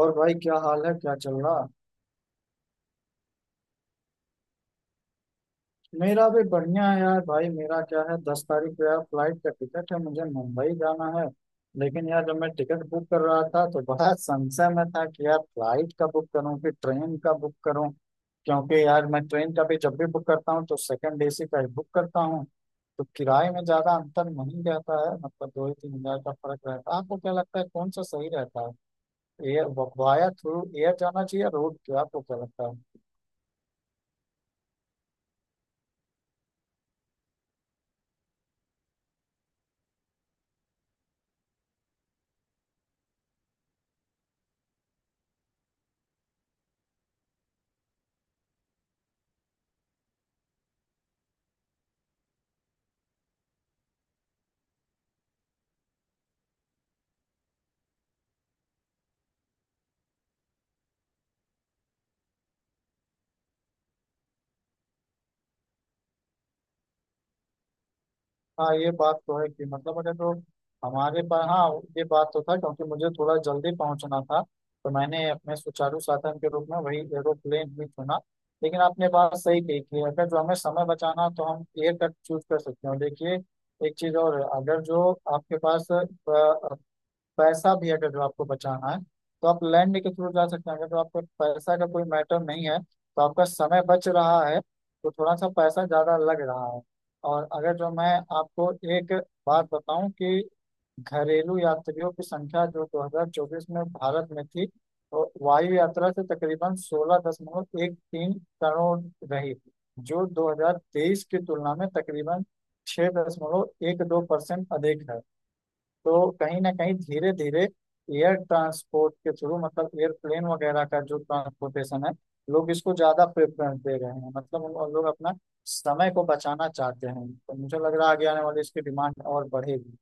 और भाई क्या हाल है क्या चल रहा। मेरा भी बढ़िया है यार। भाई मेरा क्या है 10 तारीख को यार फ्लाइट का टिकट है, मुझे मुंबई जाना है। लेकिन यार जब मैं टिकट बुक कर रहा था तो बड़ा संशय में था कि यार फ्लाइट का बुक करूं कि ट्रेन का बुक करूं। क्योंकि यार मैं ट्रेन का भी जब भी बुक करता हूँ तो सेकंड एसी का ही बुक करता हूँ, तो किराए में ज्यादा अंतर नहीं रहता है। मतलब 2 ही 3 हज़ार का फर्क रहता है। आपको क्या लगता है कौन सा सही रहता है, एयर वाया थ्रू एयर जाना चाहिए या रोड, क्या आपको क्या लगता है। हाँ ये बात तो है कि मतलब अगर तो हमारे पास, हाँ ये बात तो था क्योंकि मुझे थोड़ा जल्दी पहुंचना था, तो मैंने अपने सुचारू साधन के रूप में वही एरोप्लेन ही चुना। लेकिन आपने बात सही कही कि अगर जो हमें समय बचाना हो, तो हम एयर कट चूज कर सकते हैं। और देखिए एक चीज और, अगर जो आपके पास पैसा भी अगर जो आपको बचाना है तो आप लैंड के थ्रू जा सकते हैं। अगर जो आपका पैसा का कोई मैटर नहीं है तो आपका समय बच रहा है, तो थोड़ा सा पैसा ज़्यादा लग रहा है। और अगर जो मैं आपको एक बात बताऊं कि घरेलू यात्रियों की संख्या जो 2024 में भारत में थी, वो वायु यात्रा से तकरीबन 16.13 करोड़ रही, जो 2023 की तुलना में तकरीबन 6.12% अधिक है। तो कहीं ना कहीं धीरे धीरे एयर ट्रांसपोर्ट के थ्रू मतलब एयरप्लेन वगैरह का जो ट्रांसपोर्टेशन है, लोग इसको ज्यादा प्रेफरेंस दे रहे हैं। मतलब उन लोग अपना समय को बचाना चाहते हैं, तो मुझे लग रहा है आगे आने वाली इसकी डिमांड और बढ़ेगी।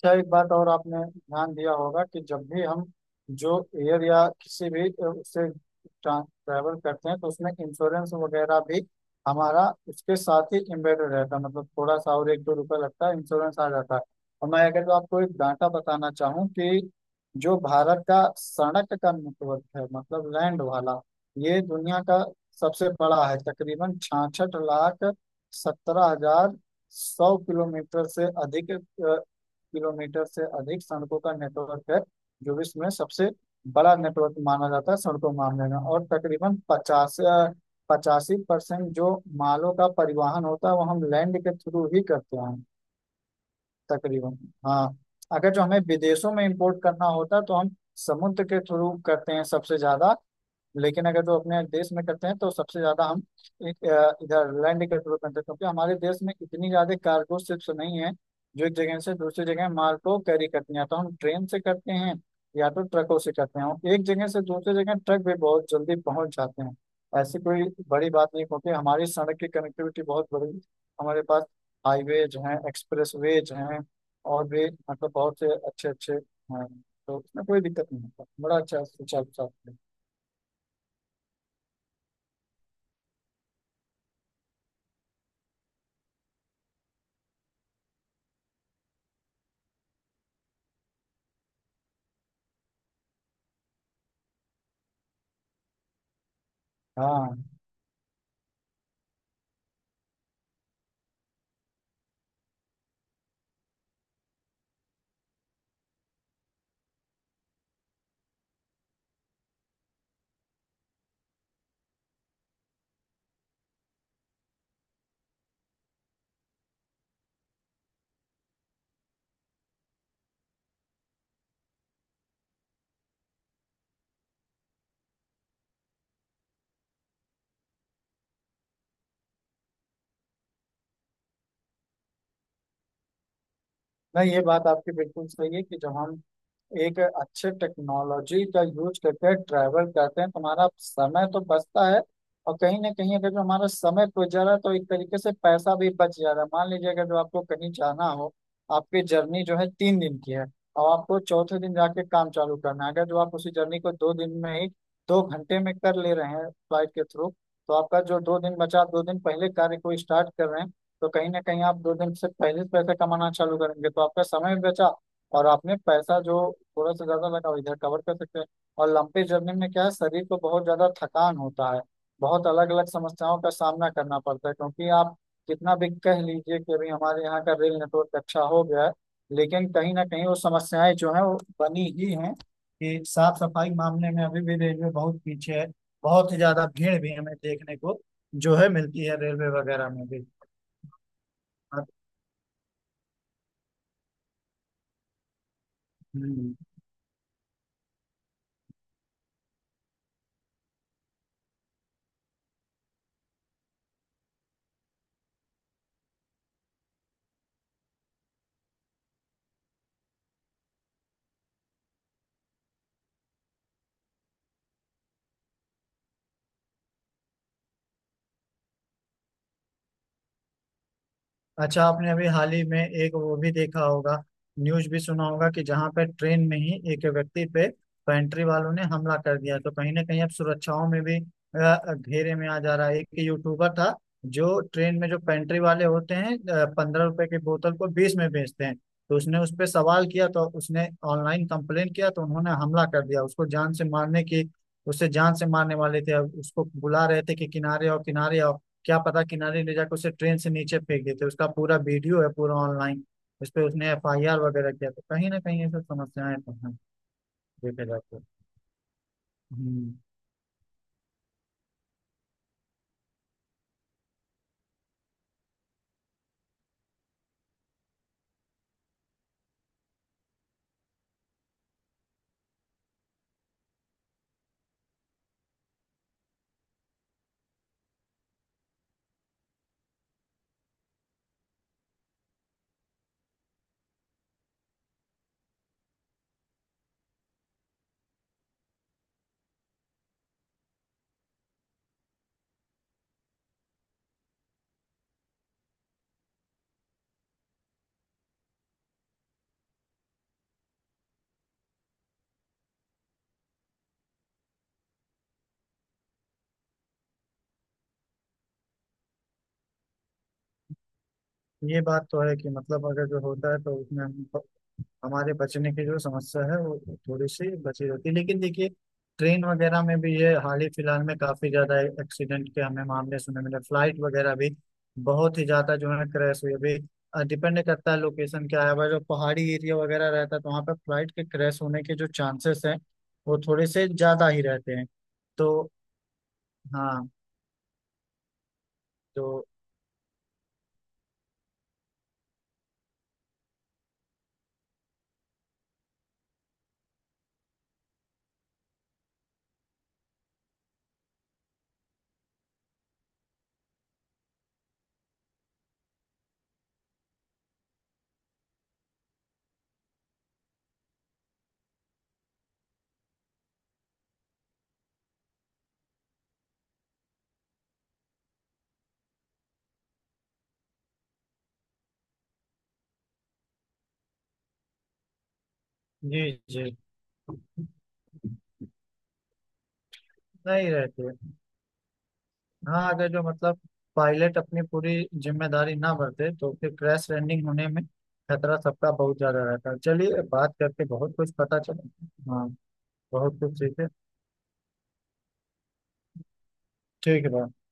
क्या एक बात और आपने ध्यान दिया होगा कि जब भी हम जो एयर या किसी भी उससे ट्रैवल करते हैं तो उसमें इंश्योरेंस वगैरह भी हमारा उसके साथ ही एम्बेडेड रहता है। मतलब थोड़ा सा और एक दो रुपये लगता है इंश्योरेंस आ जाता है। और मैं अगर तो आपको एक डाटा बताना चाहूँ कि जो भारत का सड़क का नेटवर्क है मतलब लैंड वाला, ये दुनिया का सबसे बड़ा है। तकरीबन 66,17,100 किलोमीटर से अधिक, किलोमीटर से अधिक सड़कों का नेटवर्क है जो विश्व में सबसे बड़ा नेटवर्क माना जाता है सड़कों मामले में। और तकरीबन 50 85% जो मालों का परिवहन होता है वो हम लैंड के थ्रू ही करते हैं। तकरीबन हाँ, अगर जो हमें विदेशों में इंपोर्ट करना होता है तो हम समुद्र के थ्रू करते हैं सबसे ज्यादा। लेकिन अगर जो अपने देश में करते हैं तो सबसे ज्यादा हम एक इधर लैंड के थ्रू करते हैं, क्योंकि हमारे देश में इतनी ज्यादा कार्गो शिप्स नहीं है जो एक जगह से दूसरी जगह माल को कैरी करती हैं। तो हम ट्रेन से करते हैं या तो ट्रकों से करते हैं, और एक जगह से दूसरी जगह ट्रक भी बहुत जल्दी पहुंच जाते हैं। ऐसी कोई बड़ी बात नहीं, क्योंकि हमारी सड़क की कनेक्टिविटी बहुत बड़ी, हमारे पास हाईवेज हैं एक्सप्रेसवेज हैं और भी मतलब बहुत से अच्छे अच्छे हैं। तो उसमें कोई दिक्कत नहीं होता, बड़ा अच्छा सुचारू साथ है। हाँ। नहीं ये बात आपकी बिल्कुल सही है कि जब हम एक अच्छे टेक्नोलॉजी का यूज करके ट्रैवल करते हैं तुम्हारा समय तो बचता है। और कहीं ना कहीं अगर जो हमारा समय बच जा रहा है तो एक तरीके से पैसा भी बच जा रहा है। मान लीजिए अगर जो आपको कहीं जाना हो, आपकी जर्नी जो है 3 दिन की है और आपको चौथे दिन जाके काम चालू करना है, अगर जो आप उसी जर्नी को 2 दिन में ही, 2 घंटे में कर ले रहे हैं फ्लाइट के थ्रू, तो आपका जो दो दिन बचा आप दो दिन पहले कार्य को स्टार्ट कर रहे हैं। तो कहीं ना कहीं आप दो दिन से पहले पैसे कमाना चालू करेंगे, तो आपका समय भी बचा और आपने पैसा जो थोड़ा सा ज्यादा लगा वो इधर कवर कर सकते हैं। और लंबी जर्नी में क्या है शरीर को बहुत ज्यादा थकान होता है, बहुत अलग अलग समस्याओं का सामना करना पड़ता है। क्योंकि आप कितना भी कह लीजिए कि अभी हमारे यहाँ का रेल नेटवर्क अच्छा हो गया है, लेकिन कहीं ना कहीं वो समस्याएं जो है वो बनी ही हैं कि साफ सफाई मामले में अभी भी रेलवे बहुत पीछे है। बहुत ही ज्यादा भीड़ भी हमें देखने को जो है मिलती है रेलवे वगैरह में भी। हम्म, अच्छा आपने अभी हाल ही में एक वो भी देखा होगा, न्यूज भी सुना होगा कि जहां पर ट्रेन में ही एक व्यक्ति पे पेंट्री वालों ने हमला कर दिया। तो कहीं ना कहीं अब सुरक्षाओं में भी घेरे में आ जा रहा है। एक यूट्यूबर था, जो ट्रेन में जो पेंट्री वाले होते हैं 15 रुपए की बोतल को 20 में बेचते हैं, तो उसने उस पर सवाल किया, तो उसने ऑनलाइन कंप्लेन किया तो उन्होंने हमला कर दिया उसको जान से मारने की, उससे जान से मारने वाले थे। अब उसको बुला रहे थे कि किनारे आओ किनारे आओ, क्या पता किनारे ले जाकर उसे ट्रेन से नीचे फेंक देते। उसका पूरा वीडियो है पूरा ऑनलाइन, उस पर उसने एफ आई आर वगैरह किया। तो कहीं ना कहीं ये सब समस्याएं तो हैं देखा जाए तो। हम्म ये बात तो है कि मतलब अगर जो होता है तो उसमें हम, हमारे बचने की जो समस्या है वो थोड़ी सी बची रहती है। लेकिन देखिए ट्रेन वगैरह में भी ये हाल ही फिलहाल में काफी ज्यादा एक्सीडेंट के हमें मामले सुनने मिले, फ्लाइट वगैरह भी बहुत ही ज्यादा जो है क्रैश हुई अभी। डिपेंड करता है लोकेशन क्या है, अगर जो पहाड़ी एरिया वगैरह रहता है तो वहाँ पर फ्लाइट के क्रैश होने के जो चांसेस हैं वो थोड़े से ज्यादा ही रहते हैं। तो हाँ। तो जी जी, नहीं रहते। हाँ अगर जो मतलब पायलट अपनी पूरी जिम्मेदारी ना बरते तो फिर क्रैश लैंडिंग होने में खतरा सबका बहुत ज्यादा रहता है। चलिए बात करके बहुत कुछ पता चला, हाँ बहुत कुछ सीखे। ठीक है bye।